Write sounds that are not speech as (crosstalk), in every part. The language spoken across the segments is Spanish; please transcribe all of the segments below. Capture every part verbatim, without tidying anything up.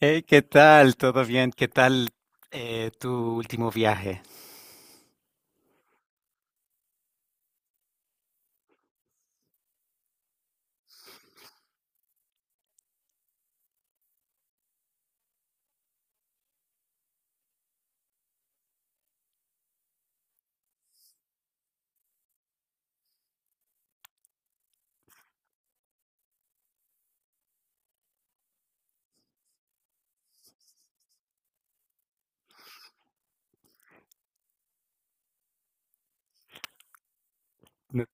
Hey, ¿qué tal? ¿Todo bien? ¿Qué tal eh, tu último viaje? No-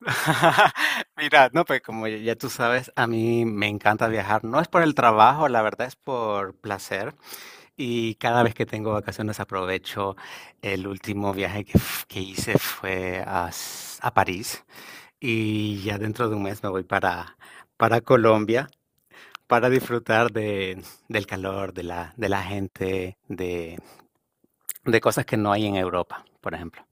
(laughs) Mira, no, pues como ya ya tú sabes, a mí me encanta viajar. No es por el trabajo, la verdad es por placer. Y cada vez que tengo vacaciones aprovecho. El último viaje que, f- que hice fue a, S- a París. Y ya dentro de un mes me voy para, para Colombia para disfrutar de, del calor, de la, de la gente, de, de cosas que no hay en Europa, por ejemplo.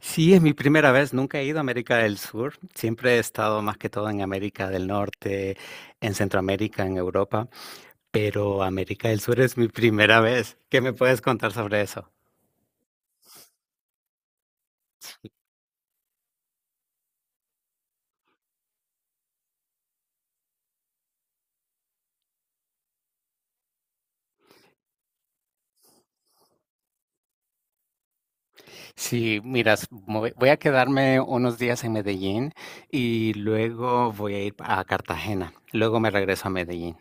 Sí, es mi primera vez, nunca he ido a América del Sur, siempre he estado más que todo en América del Norte, en Centroamérica, en Europa, pero América del Sur es mi primera vez. ¿Qué me puedes contar sobre eso? Sí, miras, voy voy a quedarme unos días en Medellín y luego voy a ir a Cartagena. Luego me regreso a Medellín.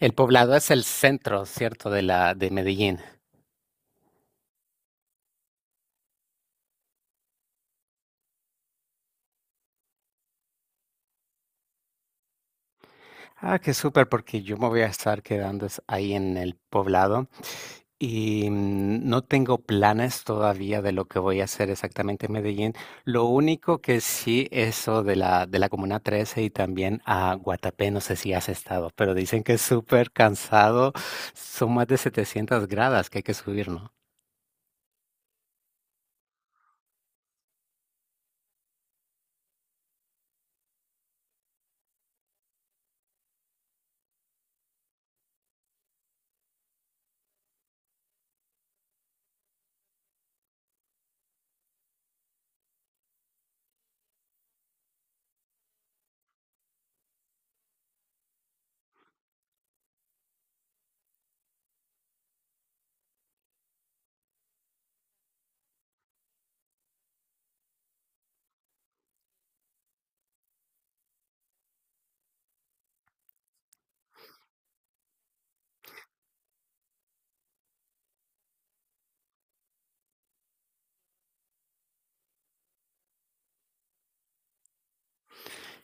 El poblado es el centro, ¿cierto? De la de Medellín. Ah, qué súper, porque yo me voy a estar quedando es- ahí en el poblado y mm, no tengo planes todavía de lo que voy a hacer exactamente en Medellín. Lo único que sí, eso de la, de la Comuna trece y también a Guatapé, no sé si has estado, pero dicen que es súper cansado. Son más de setecientas gradas que hay que subir, ¿no?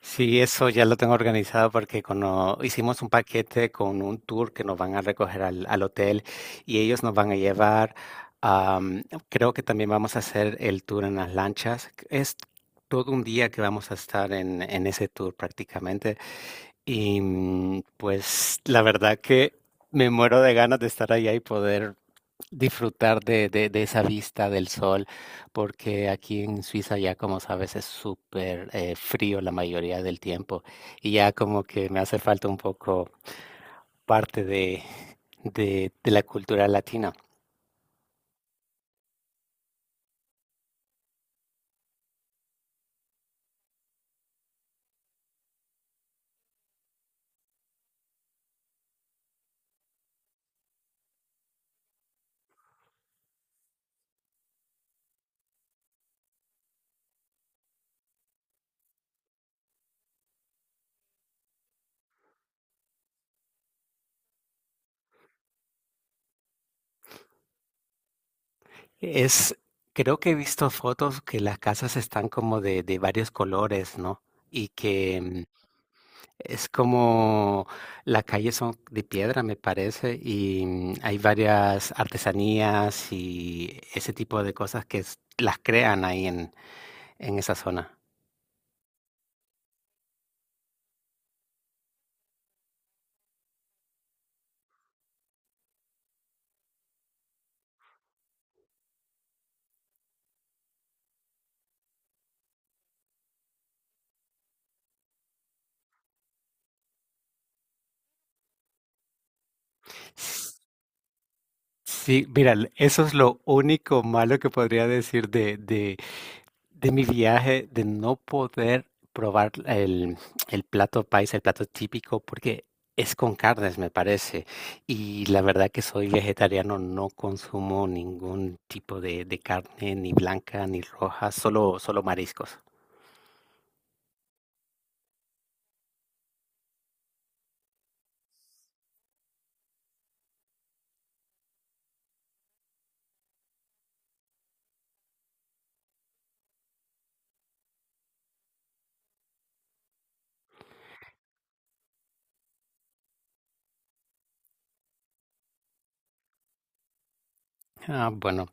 Sí, eso ya lo tengo organizado porque cuando hicimos un paquete con un tour que nos van a recoger al, al hotel y ellos nos van a llevar, am, creo que también vamos a hacer el tour en las lanchas. Es todo un día que vamos a estar en, en ese tour prácticamente. Y mm, pues la verdad que me muero de ganas de estar allá y poder disfrutar de, de- de esa vista del sol, porque aquí en Suiza ya como sabes es súper eh, frío la mayoría del tiempo y ya como que me hace falta un poco parte de, de, de la cultura latina. Es, creo que he visto fotos que las casas están como de, de varios colores, ¿no? Y que mm, es como las calles son de piedra, me parece, y mm, hay varias artesanías y ese tipo de cosas que es- las crean ahí en, en esa zona. S- Sí, mira, l- eso es lo único malo que podría decir de, de, de mi viaje de no poder probar el, el plato paisa, el plato típico, porque es con carnes, me parece. Y la verdad que soy vegetariano, no consumo ningún tipo de, de carne, ni blanca, ni roja, solo, solo mariscos. Ah, bueno,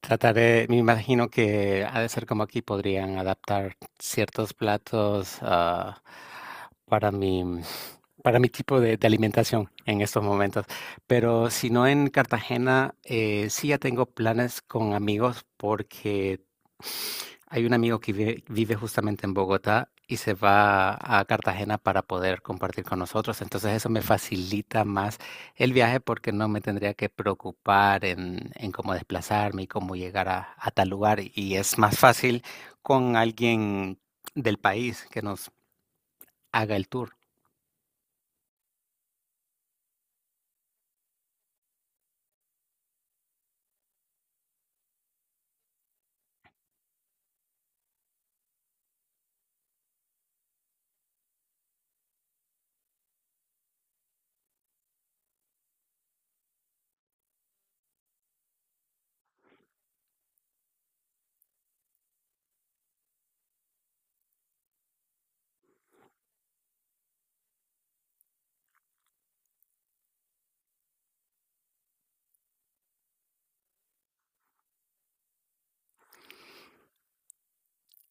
trataré, me imagino que ha de ser como aquí podrían adaptar ciertos platos ah, para mi, para mi tipo de, de alimentación en estos momentos. Pero si no en Cartagena, eh, sí ya tengo planes con amigos porque hay un amigo que vive, vive justamente en Bogotá y se va a Cartagena para poder compartir con nosotros. Entonces eso me facilita más el viaje porque no me tendría que preocupar en, en cómo desplazarme y cómo llegar a, a tal lugar. Y es más fácil con alguien del país que nos haga el tour.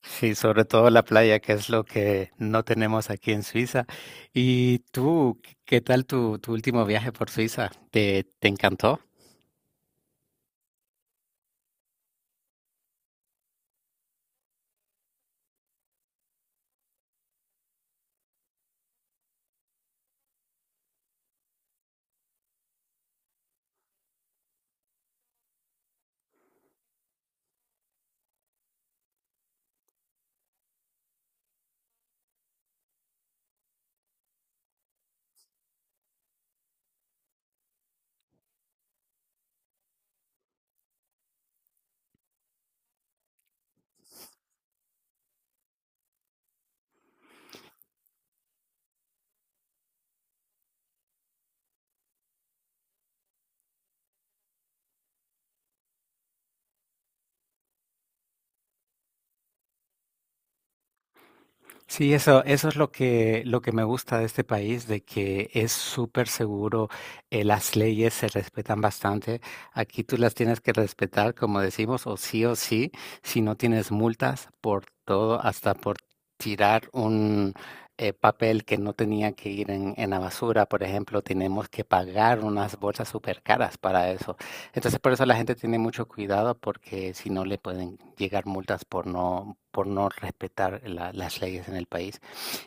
Sí, sobre todo la playa, que es lo que no tenemos aquí en Suiza. ¿Y tú, qué tal tu, tu último viaje por Suiza? ¿Te, te encantó? Sí, eso, eso es lo que, lo que me gusta de este país, de que es súper seguro, eh, las leyes se respetan bastante. Aquí tú las tienes que respetar, como decimos, o sí o sí, si no tienes multas por todo, hasta por tirar un eh, papel que no tenía que ir en, en la basura, por ejemplo, tenemos que pagar unas bolsas súper caras para eso. Entonces, por eso la gente tiene mucho cuidado porque si no le pueden llegar multas por no por no respetar la las leyes en el país.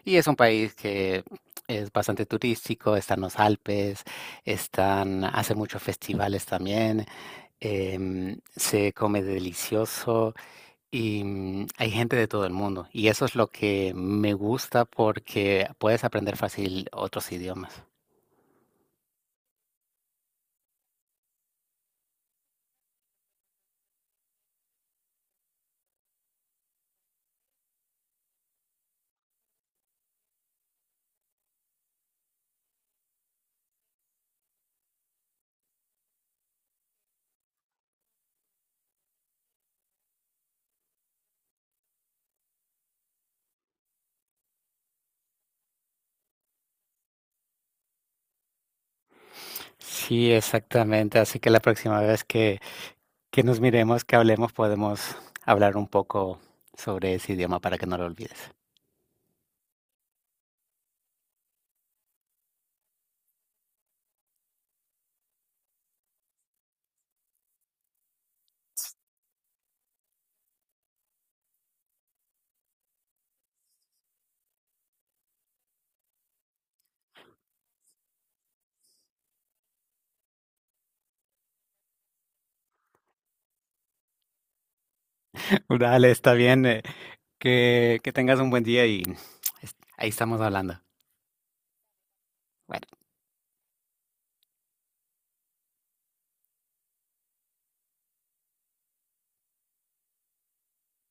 Y es un país que es bastante turístico, están los Alpes, están hace muchos festivales también, em, se come delicioso y, mm, hay gente de todo el mundo. Y eso es lo que me gusta porque puedes aprender fácil otros idiomas. Sí, exactamente. Así que la próxima vez que que nos miremos, que hablemos, podemos hablar un poco sobre ese idioma para que no lo olvides. (laughs) Dale, está bien. eh, Que, que tengas un buen día y es- ahí estamos hablando. Bueno.